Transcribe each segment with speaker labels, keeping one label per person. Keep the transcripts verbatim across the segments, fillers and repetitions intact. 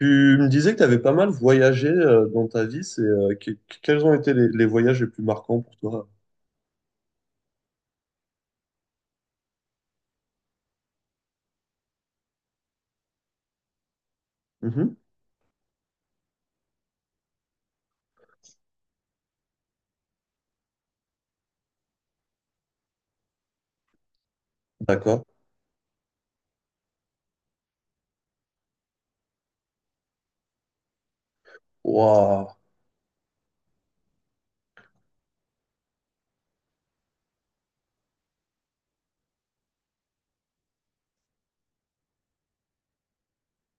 Speaker 1: Tu me disais que tu avais pas mal voyagé euh, dans ta vie. C'est, euh, que- que- quels ont été les, les voyages les plus marquants pour toi? Mhm. D'accord. Waouh.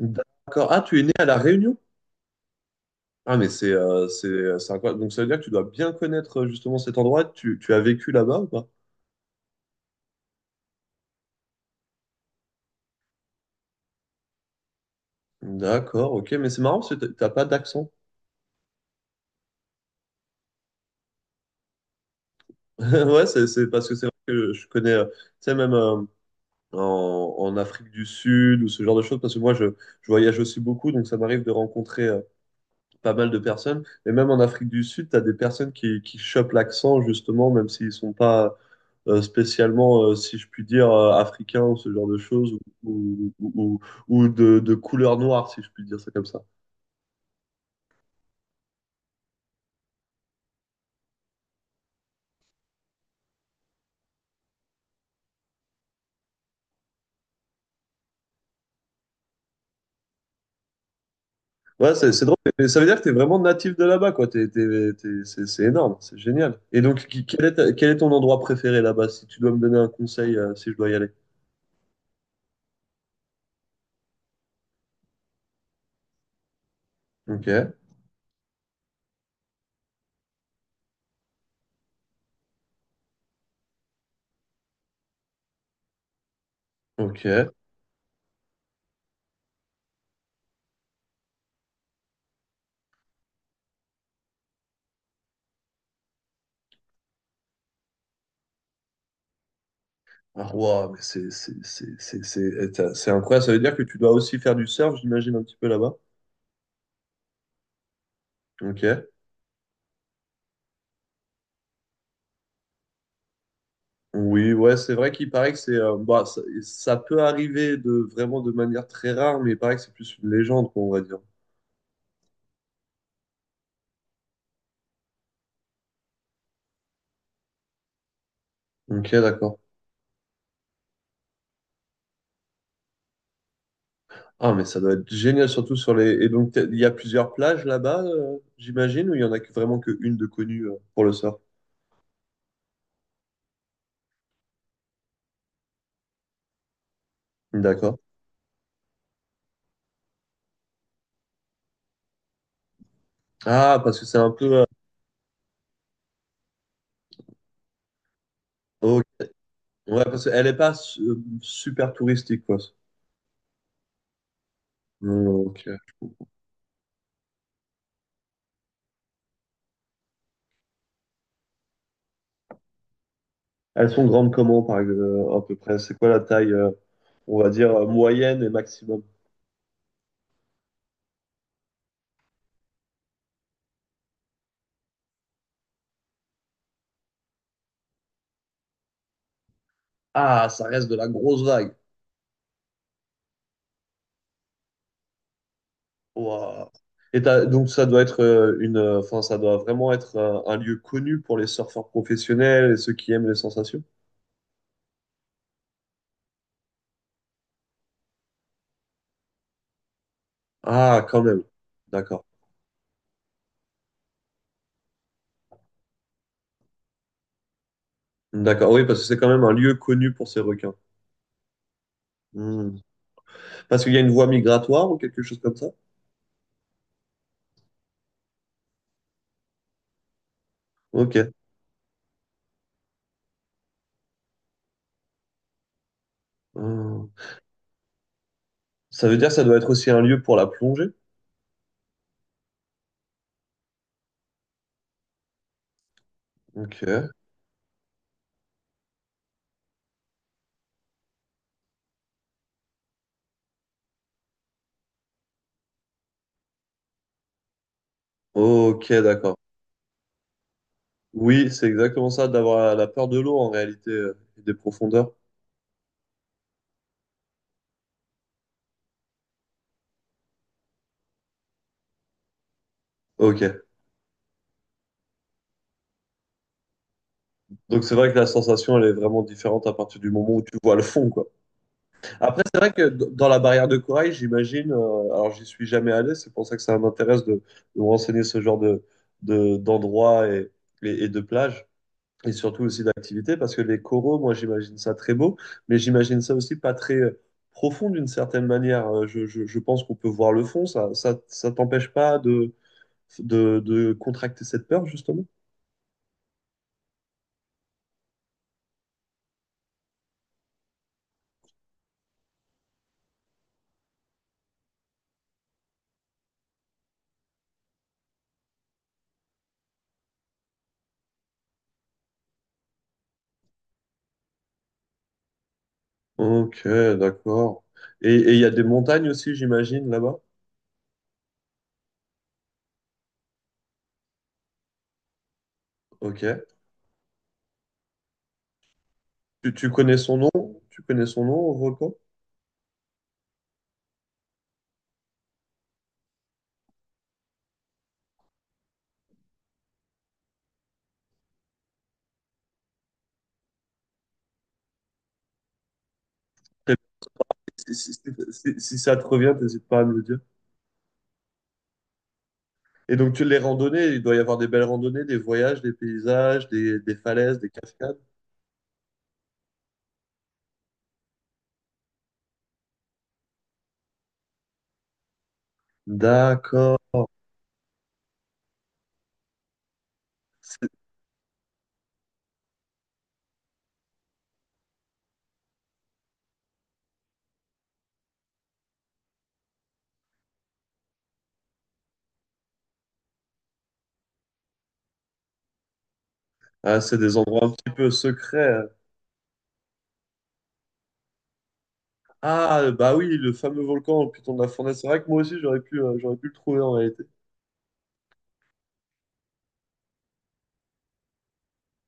Speaker 1: D'accord. Ah, tu es né à La Réunion? Ah, mais c'est euh, c'est, c'est incroyable. Donc, ça veut dire que tu dois bien connaître euh, justement cet endroit. Tu, tu as vécu là-bas ou pas? D'accord, ok. Mais c'est marrant parce que t'as t'as pas d'accent. Ouais, c'est c'est parce que c'est vrai que je connais, euh, tu sais, même euh, en, en Afrique du Sud ou ce genre de choses, parce que moi, je, je voyage aussi beaucoup, donc ça m'arrive de rencontrer euh, pas mal de personnes. Et même en Afrique du Sud, tu as des personnes qui, qui chopent l'accent, justement, même s'ils sont pas euh, spécialement, euh, si je puis dire, euh, africains ou ce genre de choses, ou, ou, ou, ou de, de couleur noire, si je puis dire ça comme ça. Ouais, c'est c'est drôle. Mais ça veut dire que tu es vraiment natif de là-bas, quoi. T'es- t'es- t'es- c'est c'est énorme, c'est génial. Et donc, qui- quel est, ta- quel est ton endroit préféré là-bas, si tu dois me donner un conseil, euh, si je dois y aller? Ok, ok. Ah, waouh, mais c'est c'est- c'est- c'est- c'est- c'est incroyable. Ça veut dire que tu dois aussi faire du surf, j'imagine, un petit peu là-bas. Ok. Oui, ouais, c'est vrai qu'il paraît que c'est, euh, bah, ça, ça peut arriver de vraiment de manière très rare, mais il paraît que c'est plus une légende, quoi, on va dire. Ok, d'accord. Ah, mais ça doit être génial, surtout sur les. Et donc, t'as- il y a plusieurs plages là-bas, euh, j'imagine, ou il y en a que vraiment qu'une de connue euh, pour le surf. D'accord. Ah, parce que c'est un peu, euh, ok. Ouais, parce qu'elle n'est pas su- super touristique, quoi. Hmm, ok. Elles sont grandes comment, par exemple, à peu près? C'est quoi la taille, euh, on va dire, euh, moyenne et maximum? Ah, ça reste de la grosse vague. Ouah. Et t'as- donc, ça doit être euh, une, euh, enfin, ça doit vraiment être euh, un lieu connu pour les surfeurs professionnels et ceux qui aiment les sensations. Ah, quand même. D'accord. D'accord. Oui, parce que c'est quand même un lieu connu pour ces requins. Hmm. Parce qu'il y a une voie migratoire ou quelque chose comme ça? Ok. Hmm. Ça veut dire que ça doit être aussi un lieu pour la plongée? Ok. Ok, d'accord. Oui, c'est exactement ça, d'avoir la peur de l'eau en réalité euh, et des profondeurs. Ok. Donc c'est vrai que la sensation, elle est vraiment différente à partir du moment où tu vois le fond, quoi. Après, c'est vrai que d- dans la barrière de corail, j'imagine, euh, alors j'y suis jamais allé, c'est pour ça que ça m'intéresse de, de me renseigner ce genre de, de, d'endroits et, et, et de plages, et surtout aussi d'activités, parce que les coraux, moi j'imagine ça très beau, mais j'imagine ça aussi pas très euh, profond d'une certaine manière. Euh, Je, je, je pense qu'on peut voir le fond, ça, ça, ça t'empêche pas de, de contracter cette peur, justement? Ok, d'accord. Et et il y a des montagnes aussi, j'imagine, là-bas? Ok. Tu, tu connais son nom? Tu connais son nom au volcan? Si, si- si- si- si ça te revient, n'hésite pas à me le dire. Et donc, tu les randonnées, il doit y avoir des belles randonnées, des voyages, des paysages, des, des falaises, des cascades. D'accord. C'est ah, c'est des endroits un petit peu secrets, hein. Ah, bah oui, le fameux volcan au Piton de la Fournaise. C'est vrai que moi aussi, j'aurais pu, euh, j'aurais pu le trouver en réalité.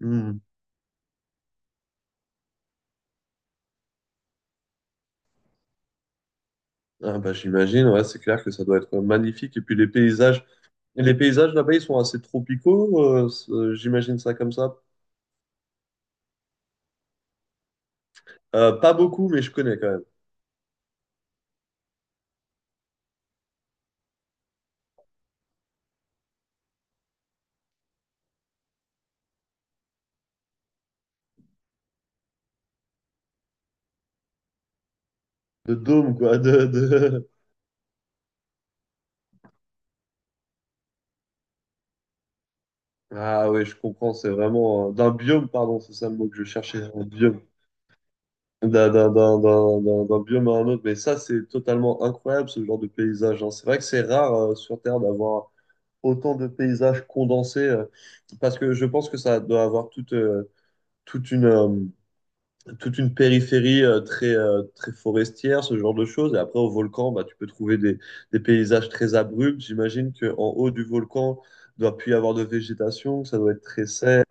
Speaker 1: Hmm. Ah bah, j'imagine, ouais, c'est clair que ça doit être magnifique. Et puis les paysages, les paysages là-bas, ils sont assez tropicaux, euh, c'est- euh, j'imagine ça comme ça. Euh, pas beaucoup, mais je connais quand même. De dôme, quoi. De, de... Ah oui, je comprends, c'est vraiment... euh, d'un biome, pardon, c'est ça le mot que je cherchais, un biome. D'un d'un- d'un- d'un- d'un- d'un biome à un autre. Mais ça, c'est totalement incroyable, ce genre de paysage, hein. C'est vrai que c'est rare euh, sur Terre d'avoir autant de paysages condensés, euh, parce que je pense que ça doit avoir toute, euh, toute une... euh, toute une périphérie euh, très, euh, très forestière, ce genre de choses. Et après, au volcan, bah, tu peux trouver des, des paysages très abrupts. J'imagine qu'en haut du volcan, il doit plus y avoir de végétation, que ça doit être très sec.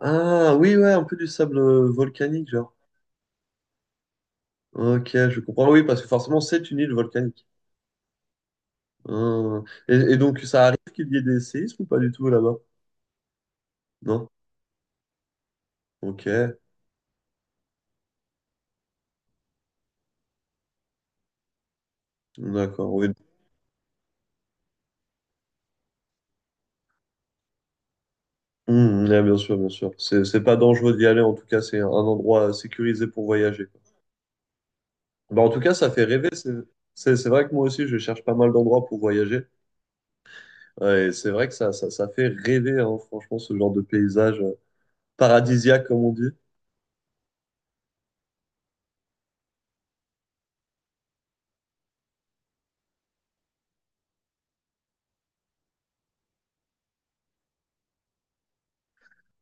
Speaker 1: Ah oui, ouais, un peu du sable euh, volcanique, genre. Ok, je comprends. Oui, parce que forcément, c'est une île volcanique. Ah. Et, et donc, ça arrive qu'il y ait des séismes ou pas du tout là-bas? Non? Ok, d'accord. Oui. Hmm, ouais, bien sûr, bien sûr. C'est c'est pas dangereux d'y aller, en tout cas, c'est un endroit sécurisé pour voyager. Bah, en tout cas, ça fait rêver. C'est c'est- c'est vrai que moi aussi, je cherche pas mal d'endroits pour voyager. Euh, et c'est vrai que ça, ça, ça fait rêver, hein, franchement, ce genre de paysage euh, paradisiaque, comme on dit.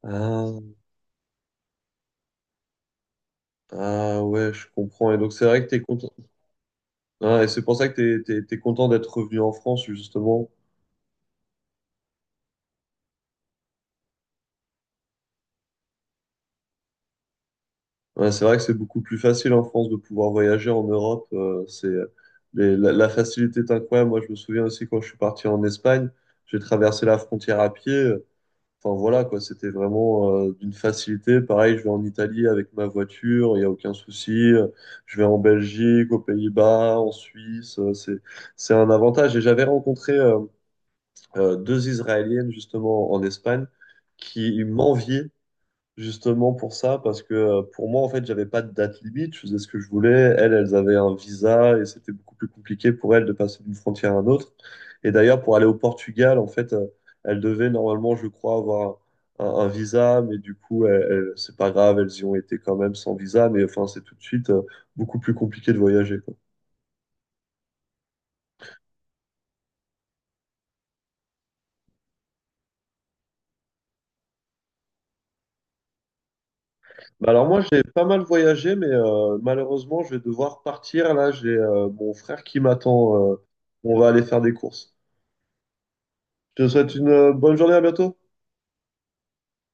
Speaker 1: Ah, ah ouais, je comprends. Et donc, c'est vrai que t'es content. Ah, et c'est pour ça que t'es, t'es, t'es content d'être revenu en France, justement. Ouais, c'est vrai que c'est beaucoup plus facile en France de pouvoir voyager en Europe, euh, c'est, les- la, la facilité est incroyable. Moi, je me souviens aussi quand je suis parti en Espagne, j'ai traversé la frontière à pied. euh, Enfin voilà quoi, c'était vraiment euh, d'une facilité. Pareil, je vais en Italie avec ma voiture, il n'y a aucun souci. Je vais en Belgique, aux Pays-Bas, en Suisse. euh, C'est, c'est un avantage. Et j'avais rencontré euh, euh, deux Israéliennes justement en Espagne qui m'enviaient justement pour ça, parce que euh, pour moi, en fait, j'avais pas de date limite, je faisais ce que je voulais. Elles, elles avaient un visa et c'était beaucoup plus compliqué pour elles de passer d'une frontière à une autre. Et d'ailleurs, pour aller au Portugal, en fait, euh, elles devaient normalement, je crois, avoir un, un visa, mais du coup, elles- elles- c'est pas grave, elles y ont été quand même sans visa, mais enfin, c'est tout de suite euh, beaucoup plus compliqué de voyager, quoi. Bah alors moi j'ai pas mal voyagé mais euh, malheureusement je vais devoir partir là j'ai euh, mon frère qui m'attend euh, on va aller faire des courses. Je te souhaite une euh, bonne journée, à bientôt.